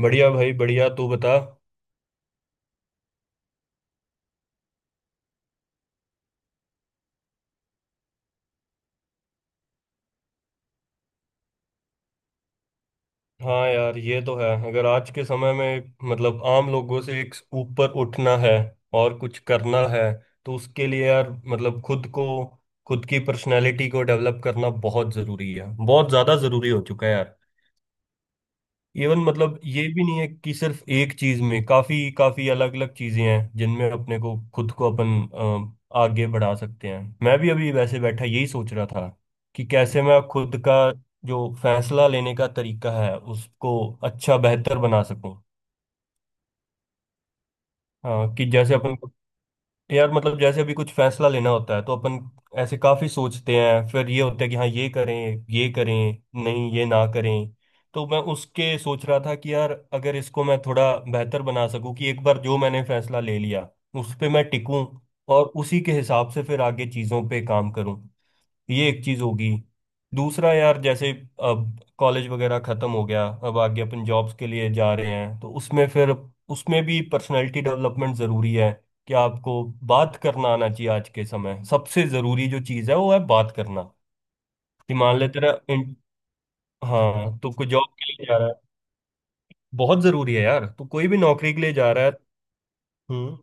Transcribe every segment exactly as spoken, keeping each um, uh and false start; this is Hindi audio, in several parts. बढ़िया भाई बढ़िया। तू बता। हाँ यार, ये तो है। अगर आज के समय में, मतलब आम लोगों से एक ऊपर उठना है और कुछ करना है, तो उसके लिए यार मतलब खुद को, खुद की पर्सनैलिटी को डेवलप करना बहुत ज़रूरी है। बहुत ज़्यादा ज़रूरी हो चुका है यार। इवन मतलब ये भी नहीं है कि सिर्फ एक चीज में। काफी काफी अलग अलग चीजें हैं जिनमें अपने को, खुद को, अपन अ, आगे बढ़ा सकते हैं। मैं भी अभी वैसे बैठा यही सोच रहा था कि कैसे मैं खुद का जो फैसला लेने का तरीका है उसको अच्छा, बेहतर बना सकूं। हाँ, कि जैसे अपन, यार मतलब जैसे अभी कुछ फैसला लेना होता है तो अपन ऐसे काफी सोचते हैं। फिर ये होता है कि हाँ ये करें, ये करें, नहीं ये ना करें। तो मैं उसके सोच रहा था कि यार अगर इसको मैं थोड़ा बेहतर बना सकूं कि एक बार जो मैंने फैसला ले लिया उस पे मैं टिकूं और उसी के हिसाब से फिर आगे चीजों पे काम करूं। ये एक चीज होगी। दूसरा यार, जैसे अब कॉलेज वगैरह खत्म हो गया, अब आगे अपन जॉब्स के लिए जा रहे हैं, तो उसमें फिर उसमें भी पर्सनालिटी डेवलपमेंट जरूरी है। कि आपको बात करना आना चाहिए। आज के समय सबसे जरूरी जो चीज है वो है बात करना। कि मान ले तेरा इन- हाँ, तो कोई जॉब के लिए जा रहा है। बहुत जरूरी है यार। तो कोई भी नौकरी के लिए जा रहा है। हम्म।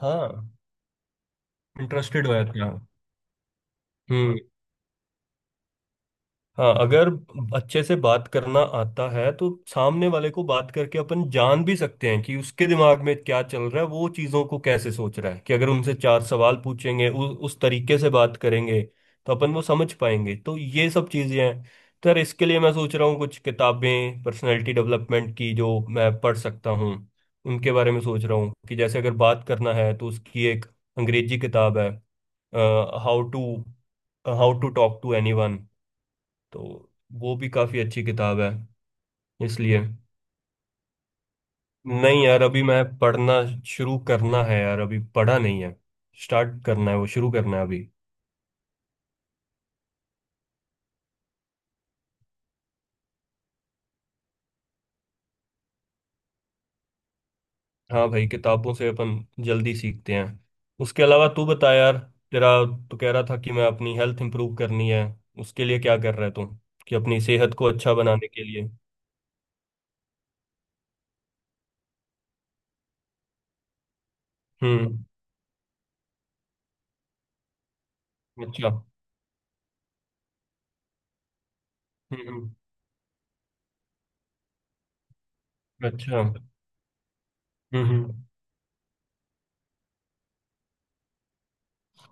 हाँ, इंटरेस्टेड हो जाते हैं। हाँ, अगर अच्छे से बात करना आता है तो सामने वाले को बात करके अपन जान भी सकते हैं कि उसके दिमाग में क्या चल रहा है, वो चीज़ों को कैसे सोच रहा है। कि अगर उनसे चार सवाल पूछेंगे, उ, उस तरीके से बात करेंगे, तो अपन वो समझ पाएंगे। तो ये सब चीज़ें हैं। तो यार, इसके लिए मैं सोच रहा हूँ कुछ किताबें पर्सनैलिटी डेवलपमेंट की जो मैं पढ़ सकता हूँ, उनके बारे में सोच रहा हूँ। कि जैसे अगर बात करना है तो उसकी एक अंग्रेजी किताब है, how to how to talk to anyone. तो वो भी काफी अच्छी किताब है। इसलिए, नहीं यार, अभी मैं पढ़ना शुरू करना है यार, अभी पढ़ा नहीं है। स्टार्ट करना है, वो शुरू करना है अभी। हाँ भाई, किताबों से अपन जल्दी सीखते हैं। उसके अलावा तू बता यार, तेरा, तू कह रहा था कि मैं अपनी हेल्थ इंप्रूव करनी है, उसके लिए क्या कर रहा है तू, कि अपनी सेहत को अच्छा बनाने के लिए। हम्म। अच्छा, हम्म। हम्म, अच्छा, हम्म। हम्म,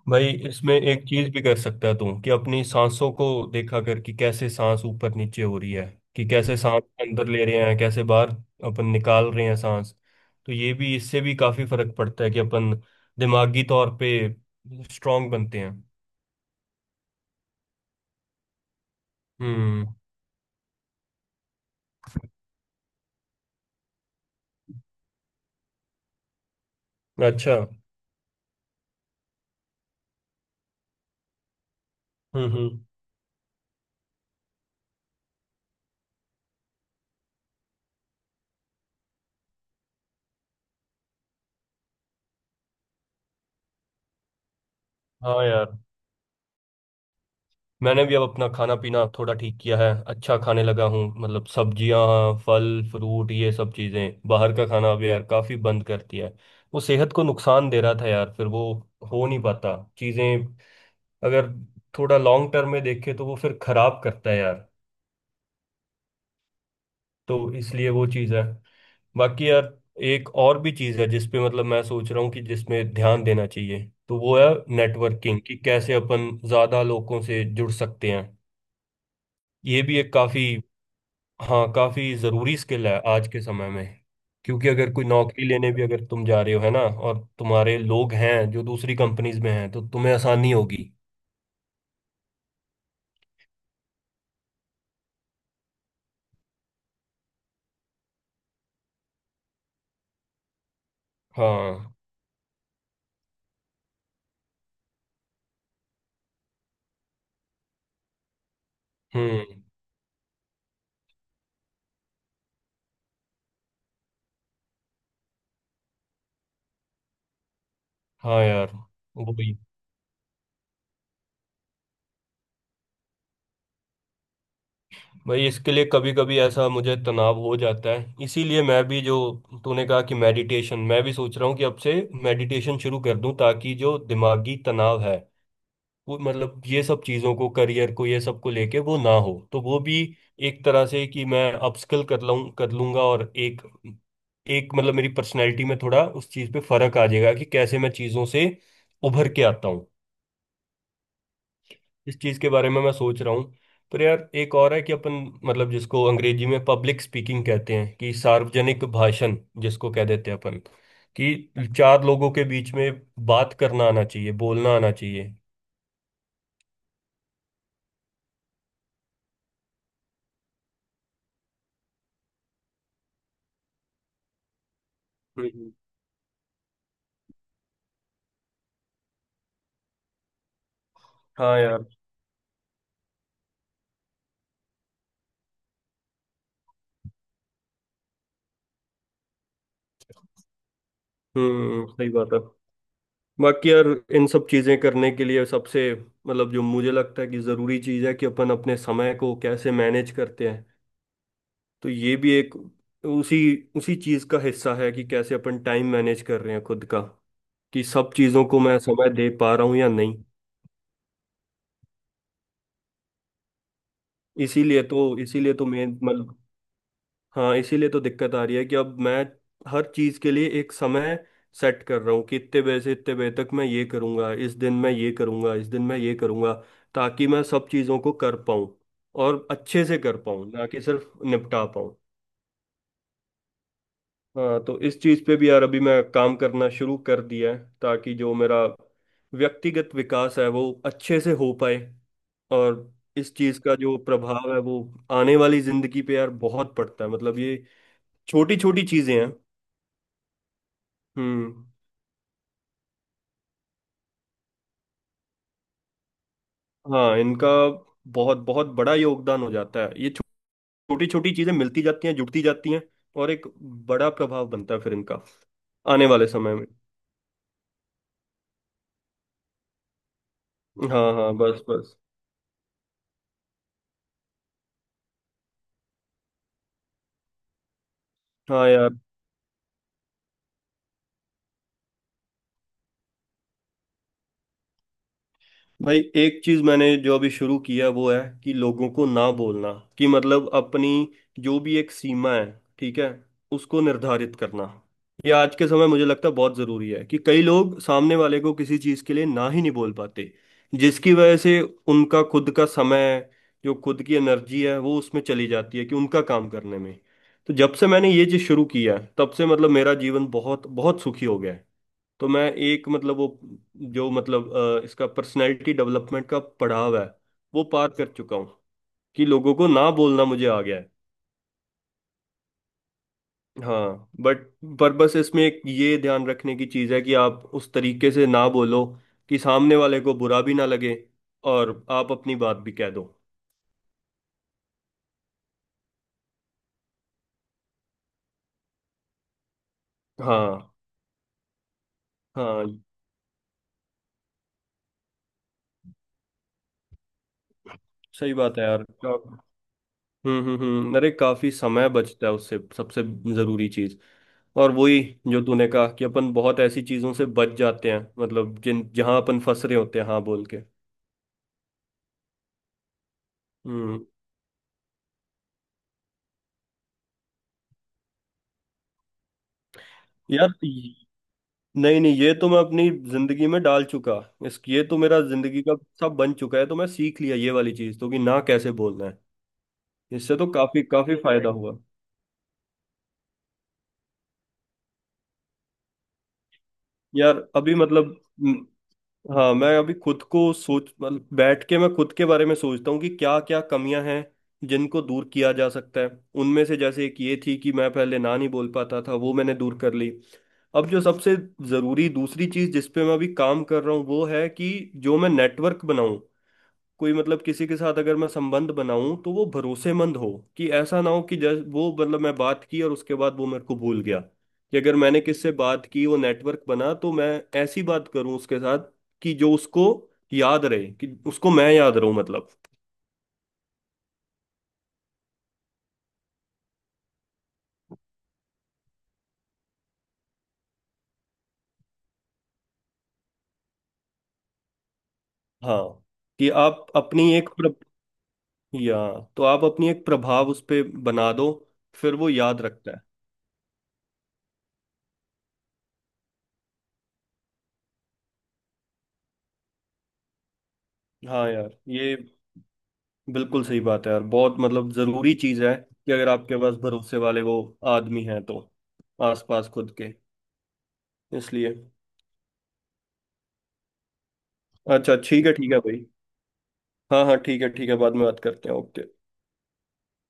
भाई इसमें एक चीज भी कर सकता है तू, कि अपनी सांसों को देखा कर कि कैसे सांस ऊपर नीचे हो रही है, कि कैसे सांस अंदर ले रहे हैं, कैसे बाहर अपन निकाल रहे हैं सांस। तो ये भी, इससे भी काफी फर्क पड़ता है कि अपन दिमागी तौर पे स्ट्रांग बनते हैं। हम्म। अच्छा, हम्म। हम्म। हाँ यार। मैंने भी अब अपना खाना पीना थोड़ा ठीक किया है। अच्छा खाने लगा हूँ, मतलब सब्जियाँ, फल, फ्रूट, ये सब चीज़ें। बाहर का खाना अब यार काफ़ी बंद कर दिया है। वो सेहत को नुकसान दे रहा था यार। फिर वो हो नहीं पाता चीज़ें, अगर थोड़ा लॉन्ग टर्म में देखे तो वो फिर खराब करता है यार। तो इसलिए वो चीज़ है। बाकी यार, एक और भी चीज़ है जिसपे मतलब मैं सोच रहा हूँ कि जिसमें ध्यान देना चाहिए। तो वो है नेटवर्किंग। कि कैसे अपन ज़्यादा लोगों से जुड़ सकते हैं। ये भी एक काफ़ी, हाँ काफी जरूरी स्किल है आज के समय में। क्योंकि अगर कोई नौकरी लेने भी अगर तुम जा रहे हो है ना, और तुम्हारे लोग हैं जो दूसरी कंपनीज में हैं, तो तुम्हें आसानी होगी। हाँ। हम्म। हाँ यार, वही। भाई, इसके लिए कभी कभी ऐसा मुझे तनाव हो जाता है। इसीलिए मैं भी, जो तूने कहा कि मेडिटेशन, मैं भी सोच रहा हूँ कि अब से मेडिटेशन शुरू कर दूं, ताकि जो दिमागी तनाव है वो, मतलब ये सब चीज़ों को, करियर को, ये सब को लेके वो ना हो। तो वो भी एक तरह से कि मैं अपस्किल कर लूँ, कर लूंगा। और एक एक मतलब मेरी पर्सनैलिटी में थोड़ा उस चीज़ पे फर्क आ जाएगा कि कैसे मैं चीज़ों से उभर के आता हूँ। इस चीज़ के बारे में मैं सोच रहा हूँ। पर यार एक और है कि अपन, मतलब जिसको अंग्रेजी में पब्लिक स्पीकिंग कहते हैं कि सार्वजनिक भाषण, जिसको कह देते हैं अपन, कि चार लोगों के बीच में बात करना आना चाहिए, बोलना आना चाहिए। हम्म। हाँ यार। हम्म, सही बात है। बाकी यार, इन सब चीजें करने के लिए सबसे, मतलब जो मुझे लगता है कि जरूरी चीज है कि अपन अपने समय को कैसे मैनेज करते हैं। तो ये भी एक उसी उसी चीज का हिस्सा है कि कैसे अपन टाइम मैनेज कर रहे हैं खुद का। कि सब चीजों को मैं समय दे पा रहा हूँ या नहीं। इसीलिए तो इसीलिए तो मैं मतलब, हाँ इसीलिए तो दिक्कत आ रही है कि अब मैं हर चीज के लिए एक समय सेट कर रहा हूँ कि इतने बजे से इतने बजे तक मैं ये करूंगा, इस दिन मैं ये करूंगा, इस दिन मैं ये करूंगा, ताकि मैं सब चीजों को कर पाऊँ और अच्छे से कर पाऊँ, ना कि सिर्फ निपटा पाऊँ। हाँ। तो इस चीज पे भी यार अभी मैं काम करना शुरू कर दिया है ताकि जो मेरा व्यक्तिगत विकास है वो अच्छे से हो पाए। और इस चीज का जो प्रभाव है वो आने वाली जिंदगी पे यार बहुत पड़ता है। मतलब ये छोटी छोटी चीजें हैं। हम्म। हाँ, इनका बहुत बहुत बड़ा योगदान हो जाता है। ये छोटी छोटी चीजें मिलती जाती हैं, जुड़ती जाती हैं, और एक बड़ा प्रभाव बनता है फिर इनका आने वाले समय में। हाँ हाँ, बस बस। हाँ यार। भाई एक चीज मैंने जो अभी शुरू किया वो है कि लोगों को ना बोलना। कि मतलब अपनी जो भी एक सीमा है, ठीक है, उसको निर्धारित करना। ये आज के समय मुझे लगता है बहुत जरूरी है कि कई लोग सामने वाले को किसी चीज के लिए ना ही नहीं बोल पाते, जिसकी वजह से उनका खुद का समय, जो खुद की एनर्जी है वो उसमें चली जाती है, कि उनका काम करने में। तो जब से मैंने ये चीज शुरू किया है तब से मतलब मेरा जीवन बहुत बहुत सुखी हो गया है। तो मैं एक मतलब वो, जो मतलब अ, इसका पर्सनैलिटी डेवलपमेंट का पड़ाव है वो पार कर चुका हूँ। कि लोगों को ना बोलना मुझे आ गया है। हाँ बट, पर बस इसमें एक ये ध्यान रखने की चीज़ है कि आप उस तरीके से ना बोलो कि सामने वाले को बुरा भी ना लगे और आप अपनी बात भी कह दो। हाँ हाँ, सही बात है यार। हाँ, हम्म हम्म हम्म। अरे काफी समय बचता है उससे, सबसे जरूरी चीज। और वही जो तूने कहा कि अपन बहुत ऐसी चीजों से बच जाते हैं, मतलब जिन, जहां अपन फंस रहे होते हैं हाँ बोल के। हम्म। यार ये- नहीं नहीं, ये तो मैं अपनी जिंदगी में डाल चुका। इस, ये तो मेरा जिंदगी का सब बन चुका है। तो मैं सीख लिया ये वाली चीज तो, कि ना कैसे बोलना है। इससे तो काफी काफी फायदा हुआ। यार अभी मतलब, हाँ मैं अभी खुद को सोच मतलब, बैठ के मैं खुद के बारे में सोचता हूँ कि क्या क्या कमियां हैं जिनको दूर किया जा सकता है। उनमें से जैसे एक ये थी कि मैं पहले ना नहीं बोल पाता था, वो मैंने दूर कर ली। अब जो सबसे ज़रूरी दूसरी चीज़ जिस पे मैं अभी काम कर रहा हूँ वो है कि जो मैं नेटवर्क बनाऊँ, कोई मतलब किसी के साथ अगर मैं संबंध बनाऊं तो वो भरोसेमंद हो। कि ऐसा ना हो कि जैसे वो मतलब मैं बात की और उसके बाद वो मेरे को भूल गया। कि अगर मैंने किससे बात की वो नेटवर्क बना, तो मैं ऐसी बात करूं उसके साथ कि जो उसको याद रहे, कि उसको मैं याद रहूं, मतलब। हाँ, कि आप अपनी एक प्र... या तो आप अपनी एक प्रभाव उस पे बना दो, फिर वो याद रखता है। हाँ यार, ये बिल्कुल सही बात है यार। बहुत, मतलब जरूरी चीज है कि अगर आपके पास भरोसे वाले वो आदमी हैं तो आसपास खुद के। इसलिए, अच्छा ठीक है ठीक है भाई। हाँ हाँ, ठीक है ठीक है, बाद में बात करते हैं। ओके।